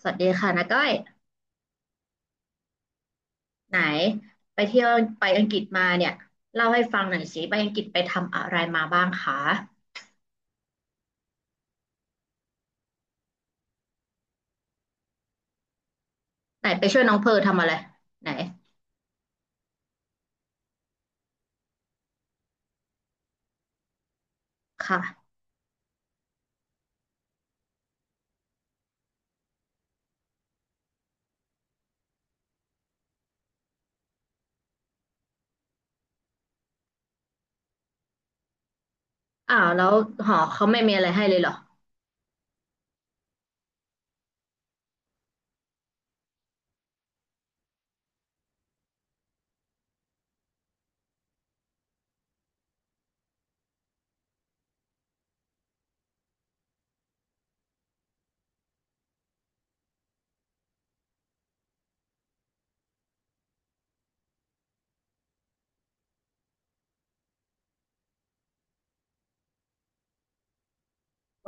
สวัสดีค่ะนาก้อยไหนไปเที่ยวไปอังกฤษมาเนี่ยเล่าให้ฟังหน่อยสิไปอังกฤษไปทำอะไรมาบ้างคะไหนไปช่วยน้องเพอร์ทำอะไรไหนค่ะอ้าวแล้วหอเขาไม่มีอะไรให้เลยเหรอ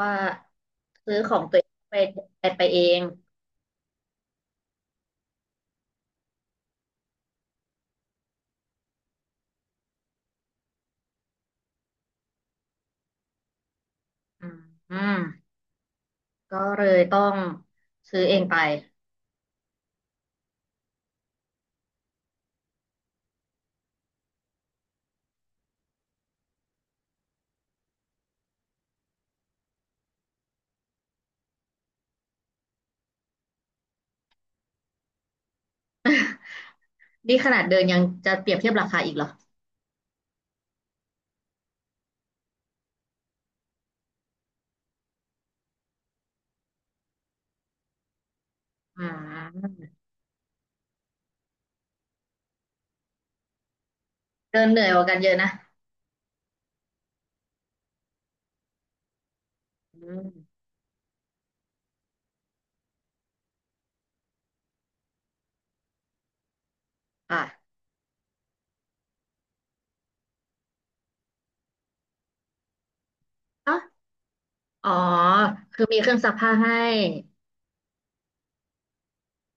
ว่าซื้อของตัวเองไปไปไปเองอืมอืมก็เลยต้องซื้อเองไปนี่ขนาดเดินยังจะเปรียบเทียบราคาอีกเหรออืมเดินเหนื่อยกว่ากันเยอะนะอืมอ่ะอ๋อคือมีเครื่องซักผ้าให้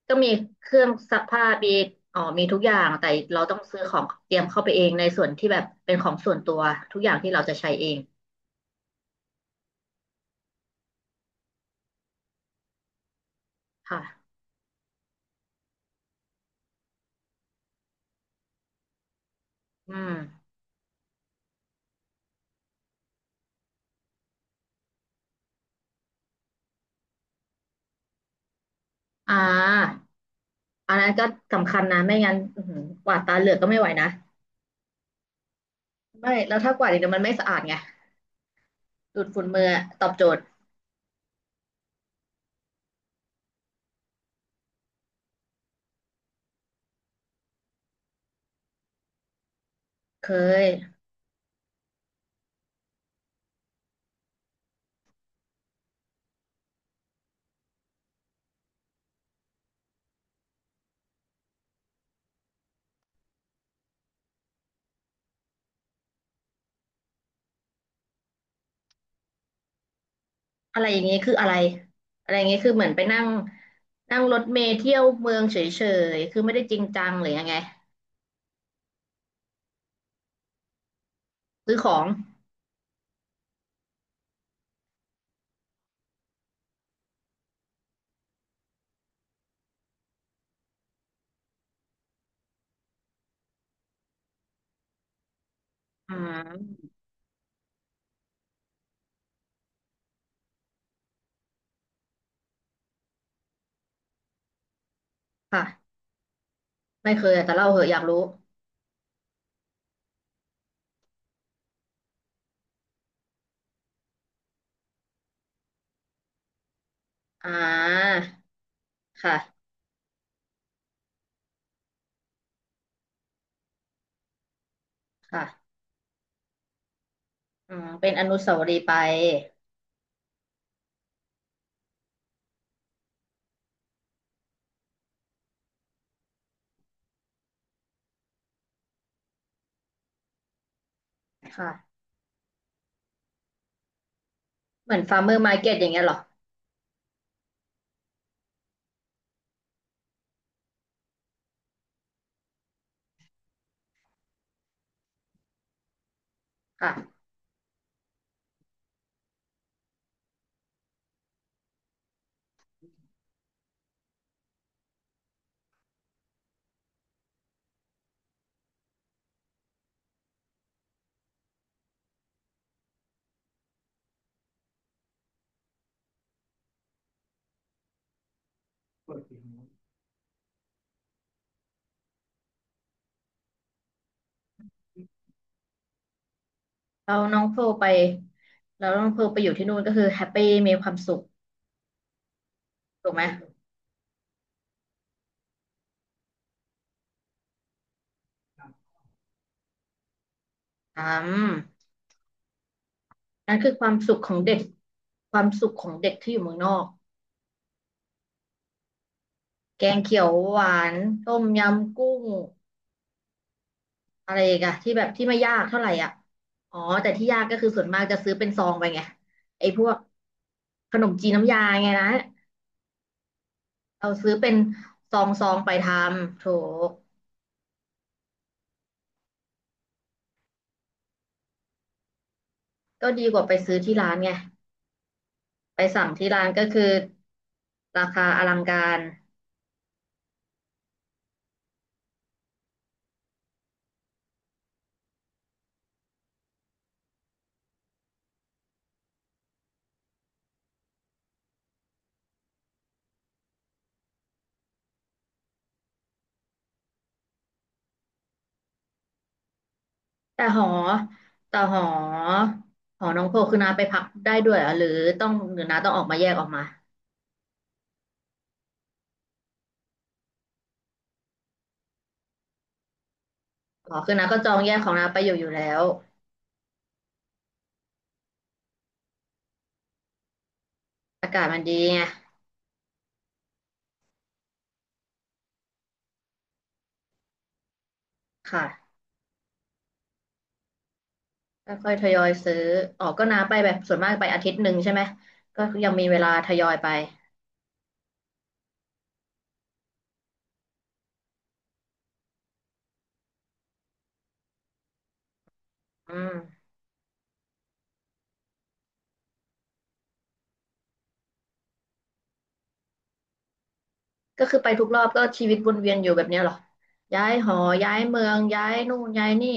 ก็มีเครื่องซักผ้ามีอ๋อมีทุกอย่างแต่เราต้องซื้อของเตรียมเข้าไปเองในส่วนที่แบบเป็นของส่วนตัวทุกอย่างที่เราจะใช้เองค่ะอืมอ่าอันนั้นก็สำคัญนะไม่งั้นอื้อหือกวาดตาเหลือกก็ไม่ไหวนะไม่แล้วถ้ากวาดอีกเดี๋ยวมันไม่สะอาดไงดูดฝุ่นมืออตอบโจทย์เคยอะไรอย่างนี้คืออะไรอะไรอย่างนี้คือเหมือนไปนั่งนั่งรถเมล์เที่ยวเมืองเฉยๆคือไม่ได้จริงจังหรือยังไงซื้อของอืมค่ะไม่เคยอะแต่เล่าเหอะอยากรู้ อ่าค่ะค่ะอืมเป็นอนุสาวรีย์ไปค่ะเหมือนฟาร์มเมอร์มาร์เก็ตอย่างเงี้ยเหรอค่ะเราน้องเพร์ลไปเราน้องเพร์ลไปอยู่ที่นู่นก็คือแฮปปี้มีความสุขถูกไหมอืมนั่นคือความสุขของเด็กความสุขของเด็กที่อยู่เมืองนอกแกงเขียวหวานต้มยำกุ้งอะไรอีกันที่แบบที่ไม่ยากเท่าไหร่อ่ะอ๋อแต่ที่ยากก็คือส่วนมากจะซื้อเป็นซองไปไงไอ้พวกขนมจีนน้ำยาไงนะ เราซื้อเป็นซองซองไปทำโถก็ดีกว่าไปซื้อที่ร้านไงไปสั่งที่ร้านก็คือราคาอลังการแต่หอแต่หอหอน้องโพคือน้าไปพักได้ด้วยเหรอหรือต้องหรือน้าต้องออกมาแยกออกมาหอคือน้าก็จองแยกของน้าไปอยู่อยู่แล้วอากาศมันดีไงค่ะก็ค่อยทยอยซื้อออกก็น้าไปแบบส่วนมากไปอาทิตย์หนึ่งใช่ไหมก็ยังมีเวลาทยอยไปอืม ก็คือไปทุกรอบก็ชีวิตวนเวียนอยู่แบบเนี้ยเหรอย้ายหอย้ายเมืองย้ายนู่นย้ายนี่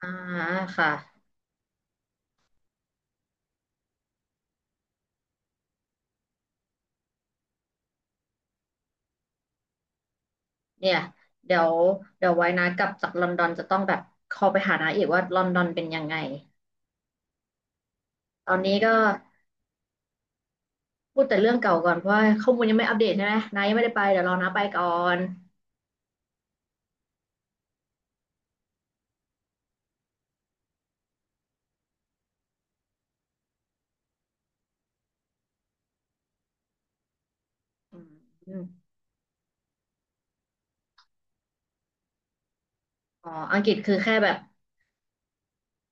อ่าค่ะเนี่ยเดี๋ยวเดี๋ยวไว้นะกลับจากลอนดอนจะต้องแบบคอลไปหานาอีกว่าลอนดอนเป็นยังไงตอนนี้ก็พูดแต่เรื่องเก่าก่อนเพราะว่าข้อมูลยังไม่อัปเดตใช่ไหมนายังไม่ได้ไปเดี๋ยวรอนาไปก่อนอืมอมอ๋ออังกฤษคือแค่แบบ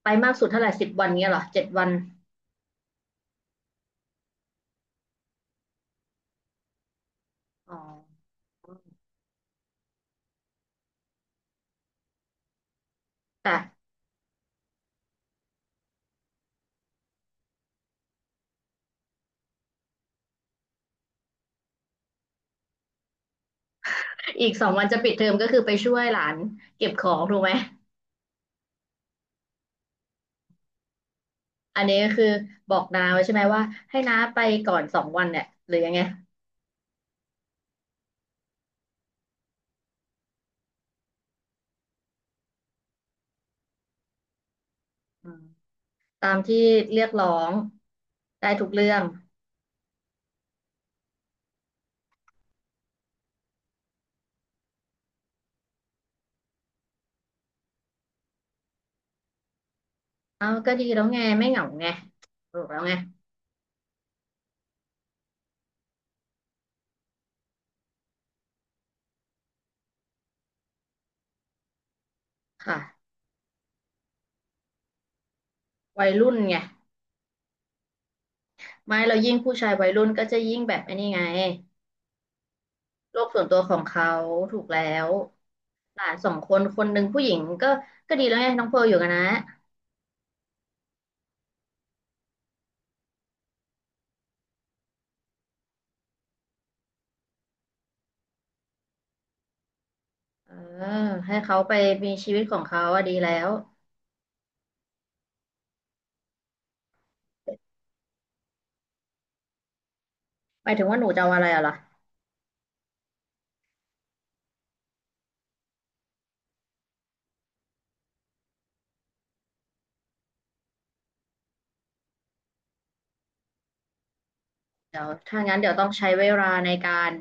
ไปมากสุดเท่าไหร่10 วันเงี้ยเหรอ7 วันอ๋อแต่อีกสองวันจะปิดเทอมก็คือไปช่วยหลานเก็บของถูกไหม อันนี้ก็คือบอกนาไว้ใช่ไหมว่าให้น้าไปก่อนสองวันเนี่ยหรือยังไงอืมตามที่เรียกร้องได้ทุกเรื่องเอาก็ดีแล้วไงไม่เหงาไงถูกแล้วไงค่ะวัยรุ่นไงไม่เรายิ่งผู้ชายวัยรุ่นก็จะยิ่งแบบไอ้นี่ไงโลกส่วนตัวของเขาถูกแล้วหลานสองคนคนหนึ่งผู้หญิงก็ก็ดีแล้วไงน้องเพร์ลอยู่กันนะเออให้เขาไปมีชีวิตของเขาอะดีแล้วหมายถึงว่าหนูจะเอาอะไรอะล่ะ เดี๋ยวถ้างั้นเดี๋ยวต้องใช้เวลาในการ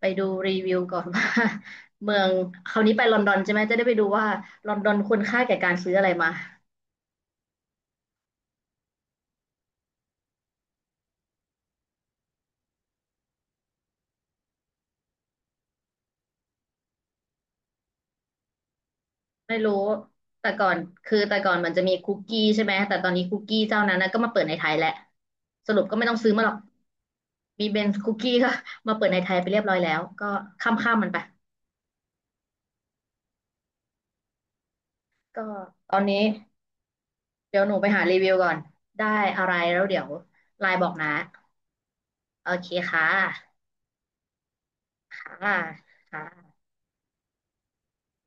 ไปดูรีวิวก่อนว่า เมืองคราวนี้ไปลอนดอนใช่ไหมจะได้ไปดูว่าลอนดอนคุณค่าแก่การซื้ออะไรมาไม่รู้แต่ก่อนคือแต่ก่อนมันจะมีคุกกี้ใช่ไหมแต่ตอนนี้คุกกี้เจ้านั้นนะก็มาเปิดในไทยแหละสรุปก็ไม่ต้องซื้อมาหรอกมีเบนซ์คุกกี้ก็ มาเปิดในไทยไปเรียบร้อยแล้วก็ข้ามข้ามมันไปก็ตอนนี้เดี๋ยวหนูไปหารีวิวก่อนได้อะไรแล้วเดี๋ยวไลน์บอกนะโอเคค่ะค่ะค่ะ